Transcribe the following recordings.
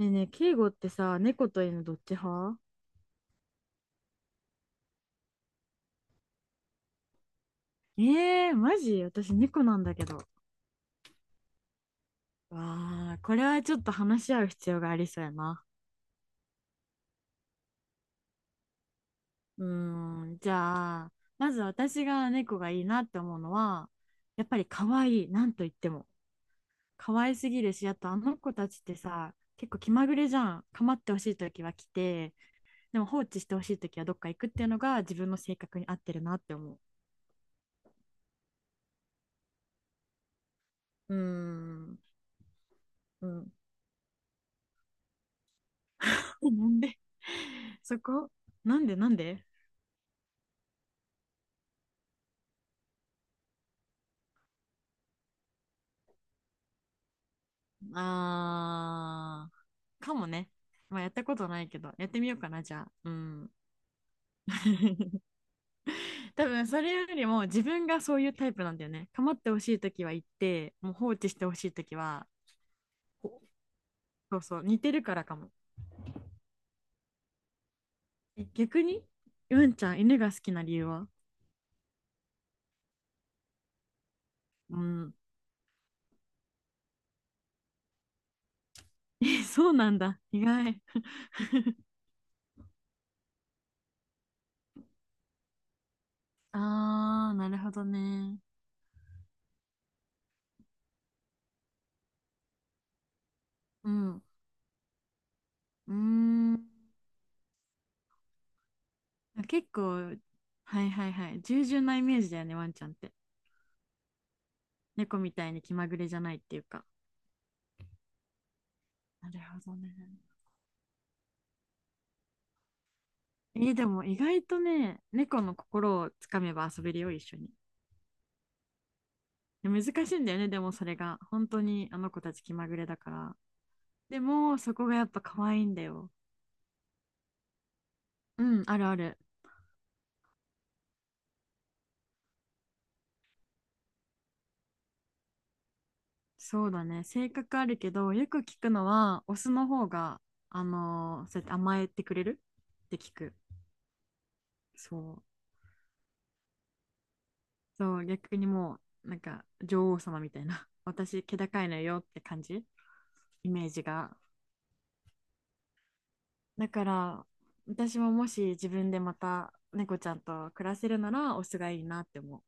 ねえねえ、敬語ってさ、猫と犬どっち派？ええー、マジ私猫なんだけど。わあ、これはちょっと話し合う必要がありそうやな。うーん、じゃあ、まず私が猫がいいなって思うのは、やっぱり可愛い、なんと言っても。可愛すぎるし、あとあの子たちってさ、結構気まぐれじゃん。構ってほしいときは来て、でも放置してほしいときはどっか行くっていうのが自分の性格に合ってるなって思う。うーん、うん。なんで そこ、なんでなんで？あー、かもね。まあやったことないけど、やってみようかな、じゃあ。うん 多分それよりも自分がそういうタイプなんだよね。構ってほしいときは言って、もう放置してほしいときは、そうそう、似てるからかも。逆に、うんちゃん、犬が好きな理由は？うん え、そうなんだ。意外。あー、なるほどね。うん。うーん。あ結構、はいはいはい。従順なイメージだよね、ワンちゃんって。猫みたいに気まぐれじゃないっていうか。なるほどね。でも意外とね、猫の心をつかめば遊べるよ、一緒に。で難しいんだよね、でもそれが。本当にあの子たち気まぐれだから。でも、そこがやっぱ可愛いんだよ。うん、あるある。そうだね。性格あるけど、よく聞くのは、オスの方が、そうやって甘えてくれるって聞く。そう。そう、逆にもう、なんか女王様みたいな、私、気高いのよって感じ、イメージが。だから、私ももし自分でまた猫ちゃんと暮らせるなら、オスがいいなって思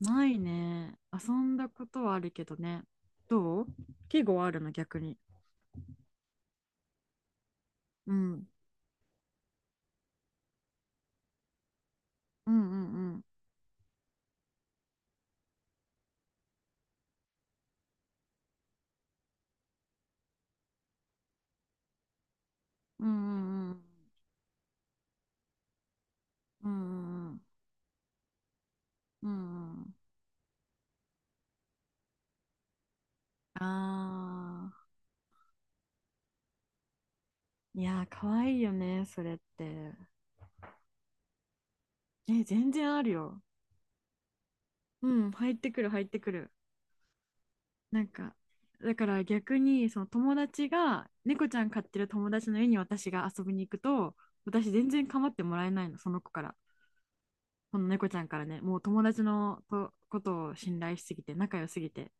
う。ないね。遊んだことはあるけどね。どう？季語はあるの、逆に。うん。うんうんうん。うんうんうん。うんうんうん。うんうん。ああ。いやー、かわいいよね、それって。え、全然あるよ。うん、入ってくる、入ってくる。なんか、だから逆に、その友達が猫ちゃん飼ってる友達の家に私が遊びに行くと、私全然構ってもらえないの、その子から。この猫ちゃんからね、もう友達のとことを信頼しすぎて、仲良すぎて、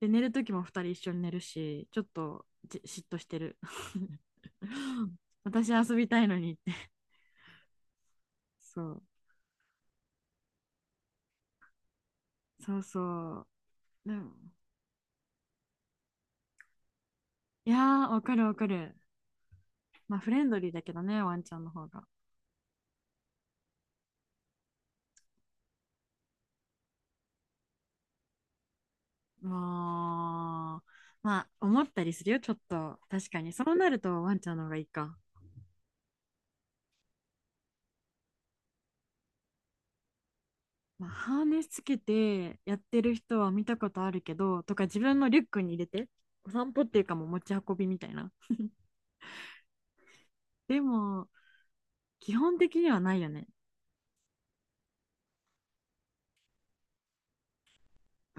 で寝る時も二人一緒に寝るし、ちょっと嫉妬してる 私遊びたいのにって そうそうそう。でも、いやー、わかるわかる。まあフレンドリーだけどね、ワンちゃんの方が。もう、まあ、思ったりするよ、ちょっと。確かに。そうなるとワンちゃんの方がいいか。まあ、ハーネスつけてやってる人は見たことあるけど、とか自分のリュックに入れて、お散歩っていうかもう持ち運びみたいな。でも、基本的にはないよね。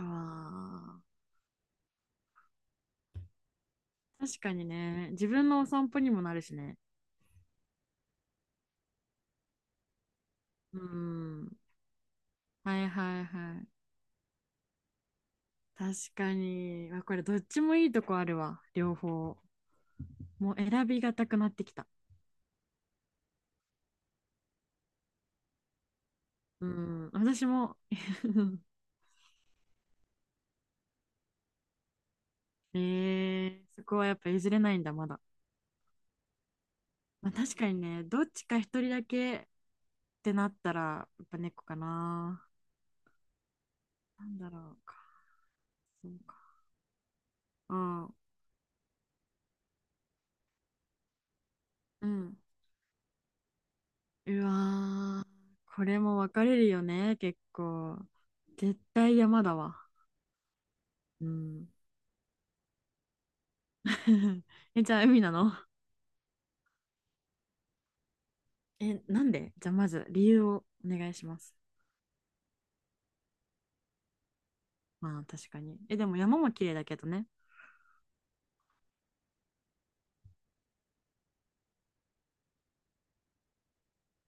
ああ、確かにね。自分のお散歩にもなるしね。うん。はいはいはい。確かに。あ、これどっちもいいとこあるわ。両方。もう選びがたくなってきた。うん、私も ええ、そこはやっぱ譲れないんだ、まだ。まあ、確かにね、どっちか一人だけってなったら、やっぱ猫かな。なんだろうか。そうか。あ、うん。うわー、これも分かれるよね、結構。絶対山だわ。うん。え、じゃあ海なの？え、なんでじゃあまず理由をお願いします。まあ確かに。え、でも山も綺麗だけどね。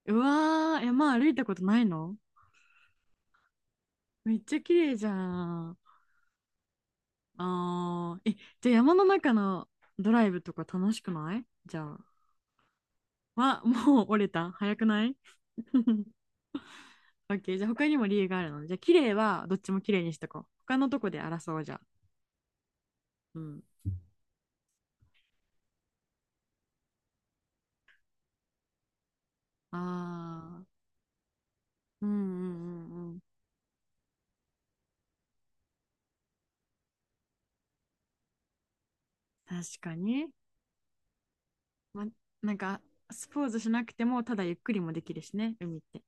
うわー、山歩いたことないの？めっちゃ綺麗じゃん。あー、え、じゃあ山の中のドライブとか楽しくないじゃあ。は、もう折れた早くない？ オッケー、じゃあ他にも理由があるので。じゃあ綺麗はどっちも綺麗にしとこう。他のとこで争おうじゃあ。うん。ああ、うんうんうんうん。確かに。ま、なんか、スポーツしなくても、ただゆっくりもできるしね、海って。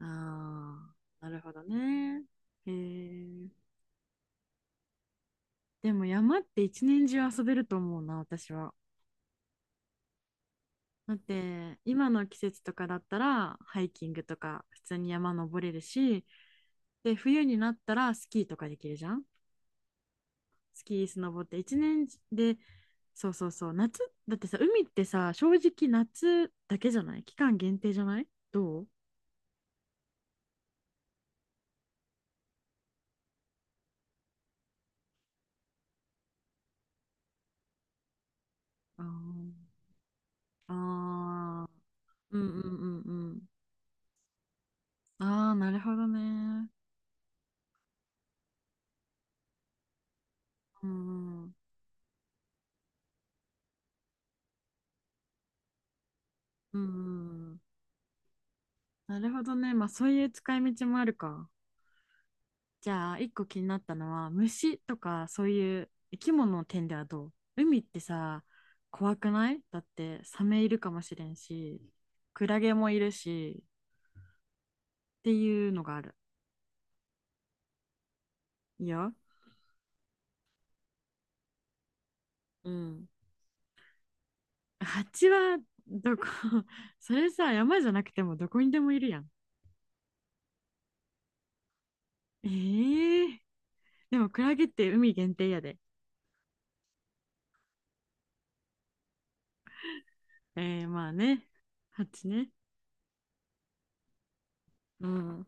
ああ、なるほどね。へえ。でも山って一年中遊べると思うな、私は。だって今の季節とかだったらハイキングとか普通に山登れるし、で冬になったらスキーとかできるじゃん。スキースノボって一年で、そうそうそう、夏だってさ、海ってさ、正直夏だけじゃない、期間限定じゃない、どう？あ、ああー、うんうんうんうん、ああー、なるほどね、うんうんうんうん、なるほどね、まあそういう使い道もあるか。じゃあ、一個気になったのは、虫とかそういう生き物の点ではどう？海ってさ、怖くない？だって、サメいるかもしれんし、クラゲもいるし、っていうのがある。いや、うん。蜂はどこ？ それさ、山じゃなくてもどこにでもいるやん。えー、でもクラゲって海限定やで。えー、まあね、蜂ね。うん。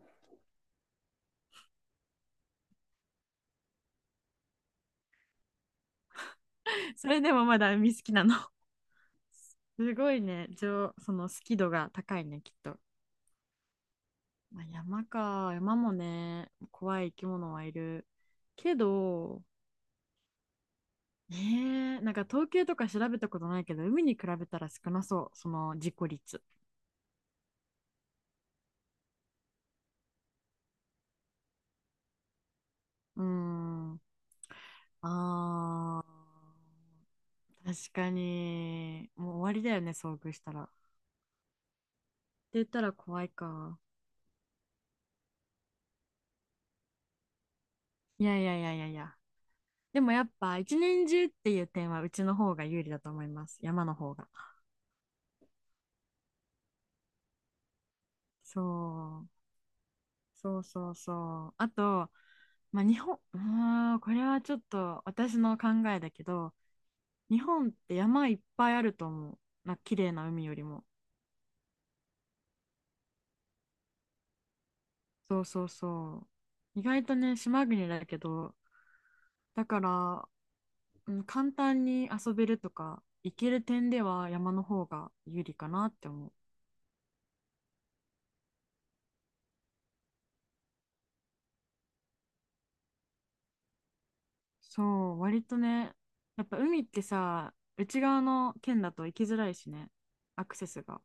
それでもまだ海好きなの。すごいね、上、その好き度が高いね、きっと。まあ、山か、山もね、怖い生き物はいる。けど、ねえ、なんか統計とか調べたことないけど、海に比べたら少なそう、その事故率。うーん、あー、確かに、もう終わりだよね、遭遇したら。って言ったら怖いか。いやいやいやいやいや。でもやっぱ、一年中っていう点は、うちの方が有利だと思います。山の方が。そう。そうそうそう。あと、まあ、日本、うーん、これはちょっと私の考えだけど、日本って山いっぱいあると思う。な、綺麗な海よりも。そうそうそう。意外とね、島国だけど、だから、うん、簡単に遊べるとか、行ける点では山の方が有利かなって思う。そう、割とね、やっぱ海ってさ、内側の県だと行きづらいしね、アクセスが。